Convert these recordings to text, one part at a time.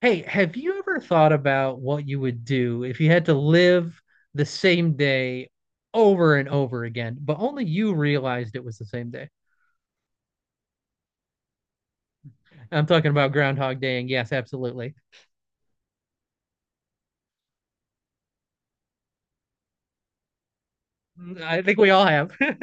Hey, have you ever thought about what you would do if you had to live the same day over and over again, but only you realized it was the same day? I'm talking about Groundhog Day, and yes, absolutely. I think we all have.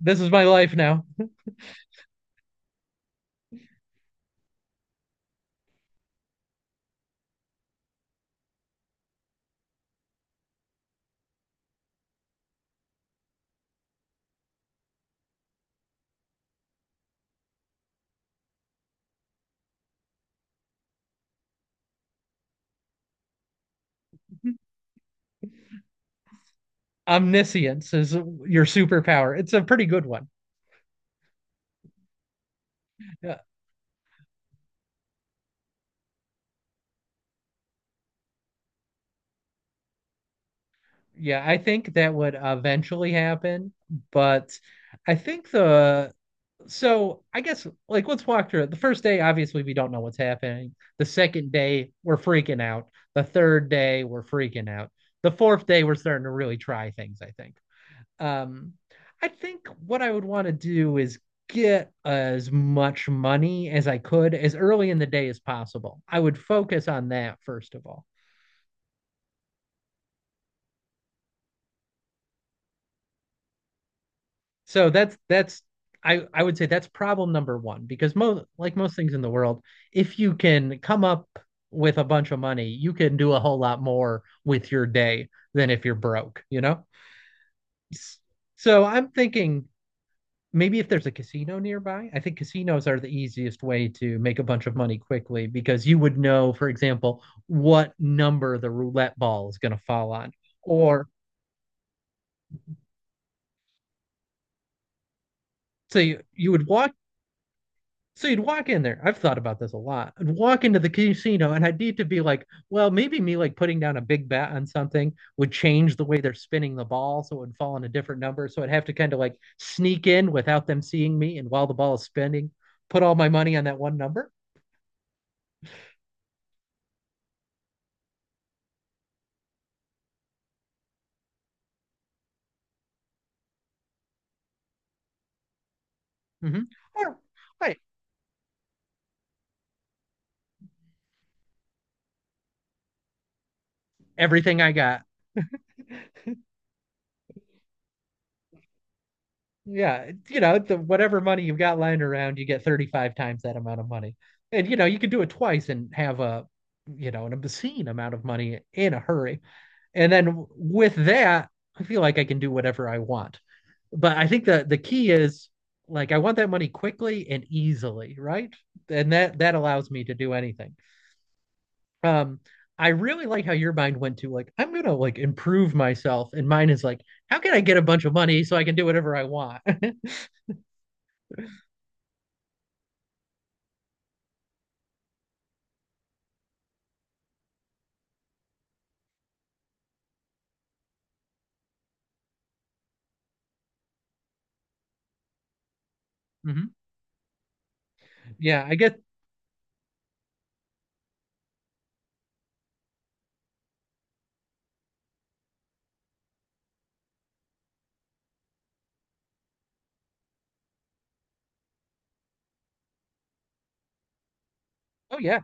This is my life now. Omniscience is your superpower. It's a pretty good one. Yeah, yeah, I think that would eventually happen, but I think the so I guess like let's walk through it. The first day, obviously, we don't know what's happening. The second day, we're freaking out. The third day, we're freaking out. The fourth day, we're starting to really try things. I think. Um, I think what I would want to do is get as much money as I could as early in the day as possible. I would focus on that first of all. So that's I would say that's problem number one because most things in the world, if you can come up with a bunch of money, you can do a whole lot more with your day than if you're broke, you know? So I'm thinking maybe if there's a casino nearby, I think casinos are the easiest way to make a bunch of money quickly because you would know, for example, what number the roulette ball is going to fall on. Or so you, you would walk so you'd walk in there. I've thought about this a lot. I'd walk into the casino and I'd need to be like, well, maybe me like putting down a big bet on something would change the way they're spinning the ball so it would fall on a different number. So I'd have to kind of like sneak in without them seeing me and while the ball is spinning, put all my money on that one number. Hmm. Or right, everything I got. Yeah, you know, the whatever money you've got lying around, you get 35 times that amount of money. And you know, you could do it twice and have an obscene amount of money in a hurry. And then with that, I feel like I can do whatever I want. But I think the key is like I want that money quickly and easily, right? And that allows me to do anything. Um, I really like how your mind went to like I'm gonna like improve myself, and mine is like how can I get a bunch of money so I can do whatever I want? Hmm. Yeah, I guess. Oh yeah,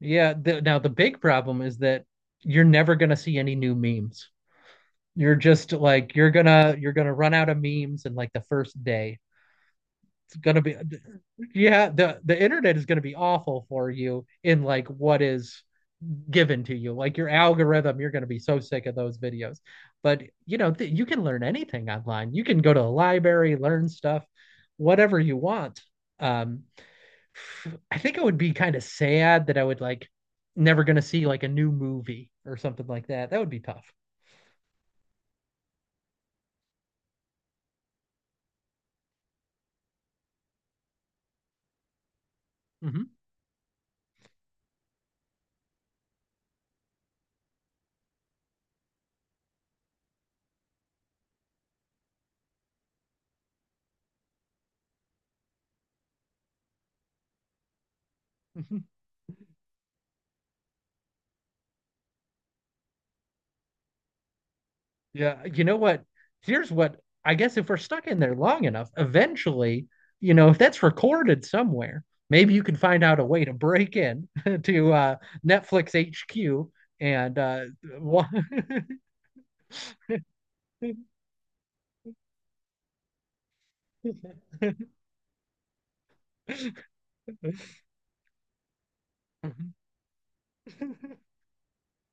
yeah. Now the big problem is that you're never gonna see any new memes. You're just like you're gonna run out of memes in like the first day. It's gonna be Yeah. The internet is gonna be awful for you in like what is given to you like your algorithm. You're going to be so sick of those videos, but you know, you can learn anything online, you can go to a library, learn stuff, whatever you want. um I think it would be kind of sad that I would like never going to see like a new movie or something like that. That would be tough. Hmm. Yeah, you know what? Here's what. I guess if we're stuck in there long enough, eventually, you know, if that's recorded somewhere, maybe you can find out a way to break in to Netflix HQ and wa-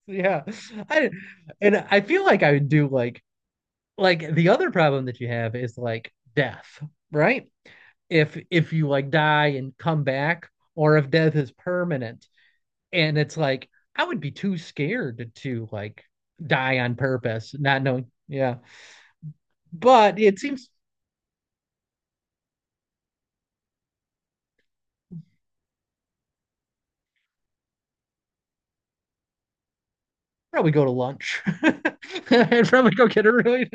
yeah, I I feel like I would do like the other problem that you have is like death, right? If you like die and come back, or if death is permanent, and it's like I would be too scared to like die on purpose, not knowing. Yeah, but it seems. Probably go to lunch. I'd probably go get a really.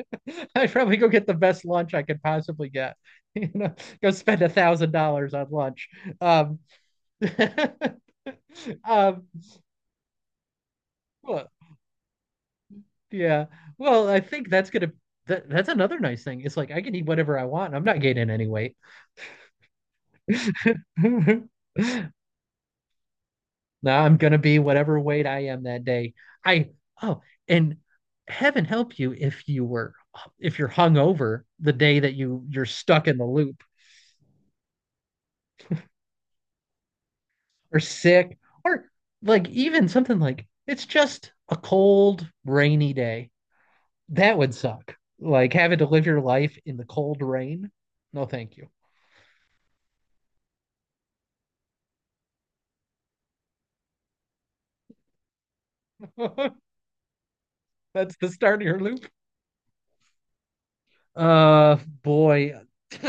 I'd probably go get the best lunch I could possibly get. You know, go spend $1,000 on lunch. Um, um, well, yeah. Well, I think that's gonna. That's another nice thing. It's like I can eat whatever I want. I'm not gaining any weight. Now I'm gonna be whatever weight I am that day. I oh, and heaven help you if you were. If you're hungover the day that you're stuck in the loop, or sick, or like even something like it's just a cold rainy day. That would suck. Like having to live your life in the cold rain. No, thank you. That's the start of your loop. Uh Boy.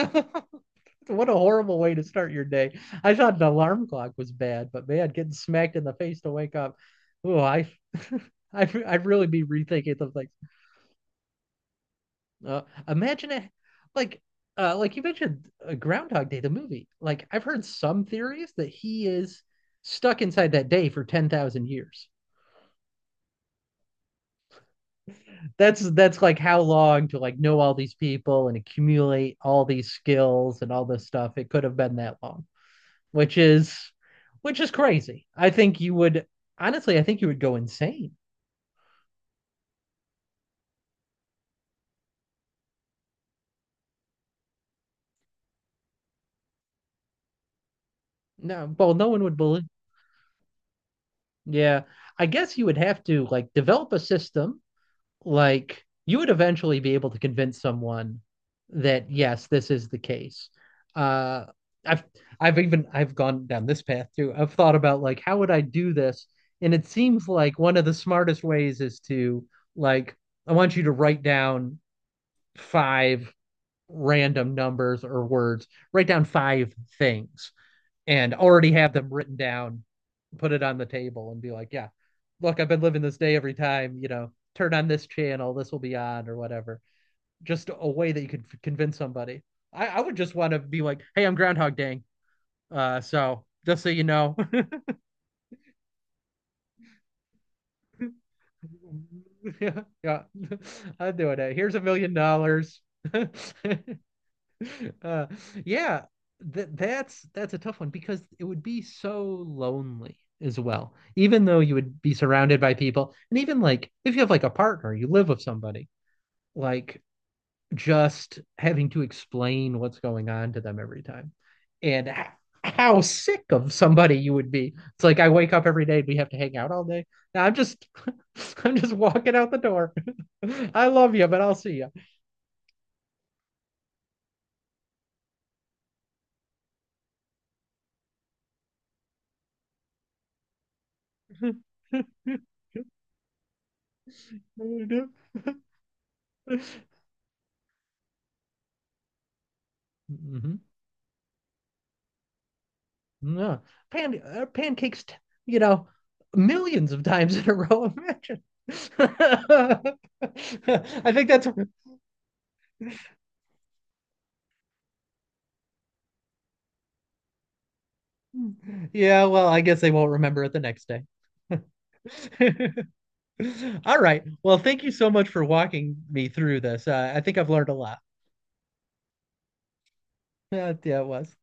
What a horrible way to start your day. I thought the alarm clock was bad, but man, getting smacked in the face to wake up. Oh, I'd really be rethinking of things. uh, imagine it, like, like you mentioned, Groundhog Day, the movie. Like I've heard some theories that he is stuck inside that day for 10,000 years. That's like how long to like know all these people and accumulate all these skills and all this stuff. It could have been that long. which is which is crazy. I think you would. Honestly, I think you would go insane. No, well, no one would believe. Yeah, I guess you would have to like develop a system. Like you would eventually be able to convince someone that yes, this is the case. Uh, I've I've gone down this path too. I've thought about like how would I do this, and it seems like one of the smartest ways is to like. I want you to write down 5 random numbers or words, write down 5 things and already have them written down, put it on the table and be like, yeah, look, I've been living this day every time, you know, turn on this channel, this will be on or whatever. Just a way that you could convince somebody. I would just want to be like, hey, I'm Groundhog Dang. So just so you know, yeah, yeah, I'm doing it. Here's $1 million. Uh, yeah, that's a tough one because it would be so lonely as well. Even though you would be surrounded by people, and even like if you have like a partner, you live with somebody, like just having to explain what's going on to them every time, and how sick of somebody you would be. It's like I wake up every day and we have to hang out all day. Now I'm just I'm just walking out the door. I love you, but I'll see you. Hmm. No. Pancakes, you know, millions of times in a row. Imagine. I think that's Yeah, well, I guess they won't remember it the next day. All right. Well, thank you so much for walking me through this. I think I've learned a lot. Yeah, it was.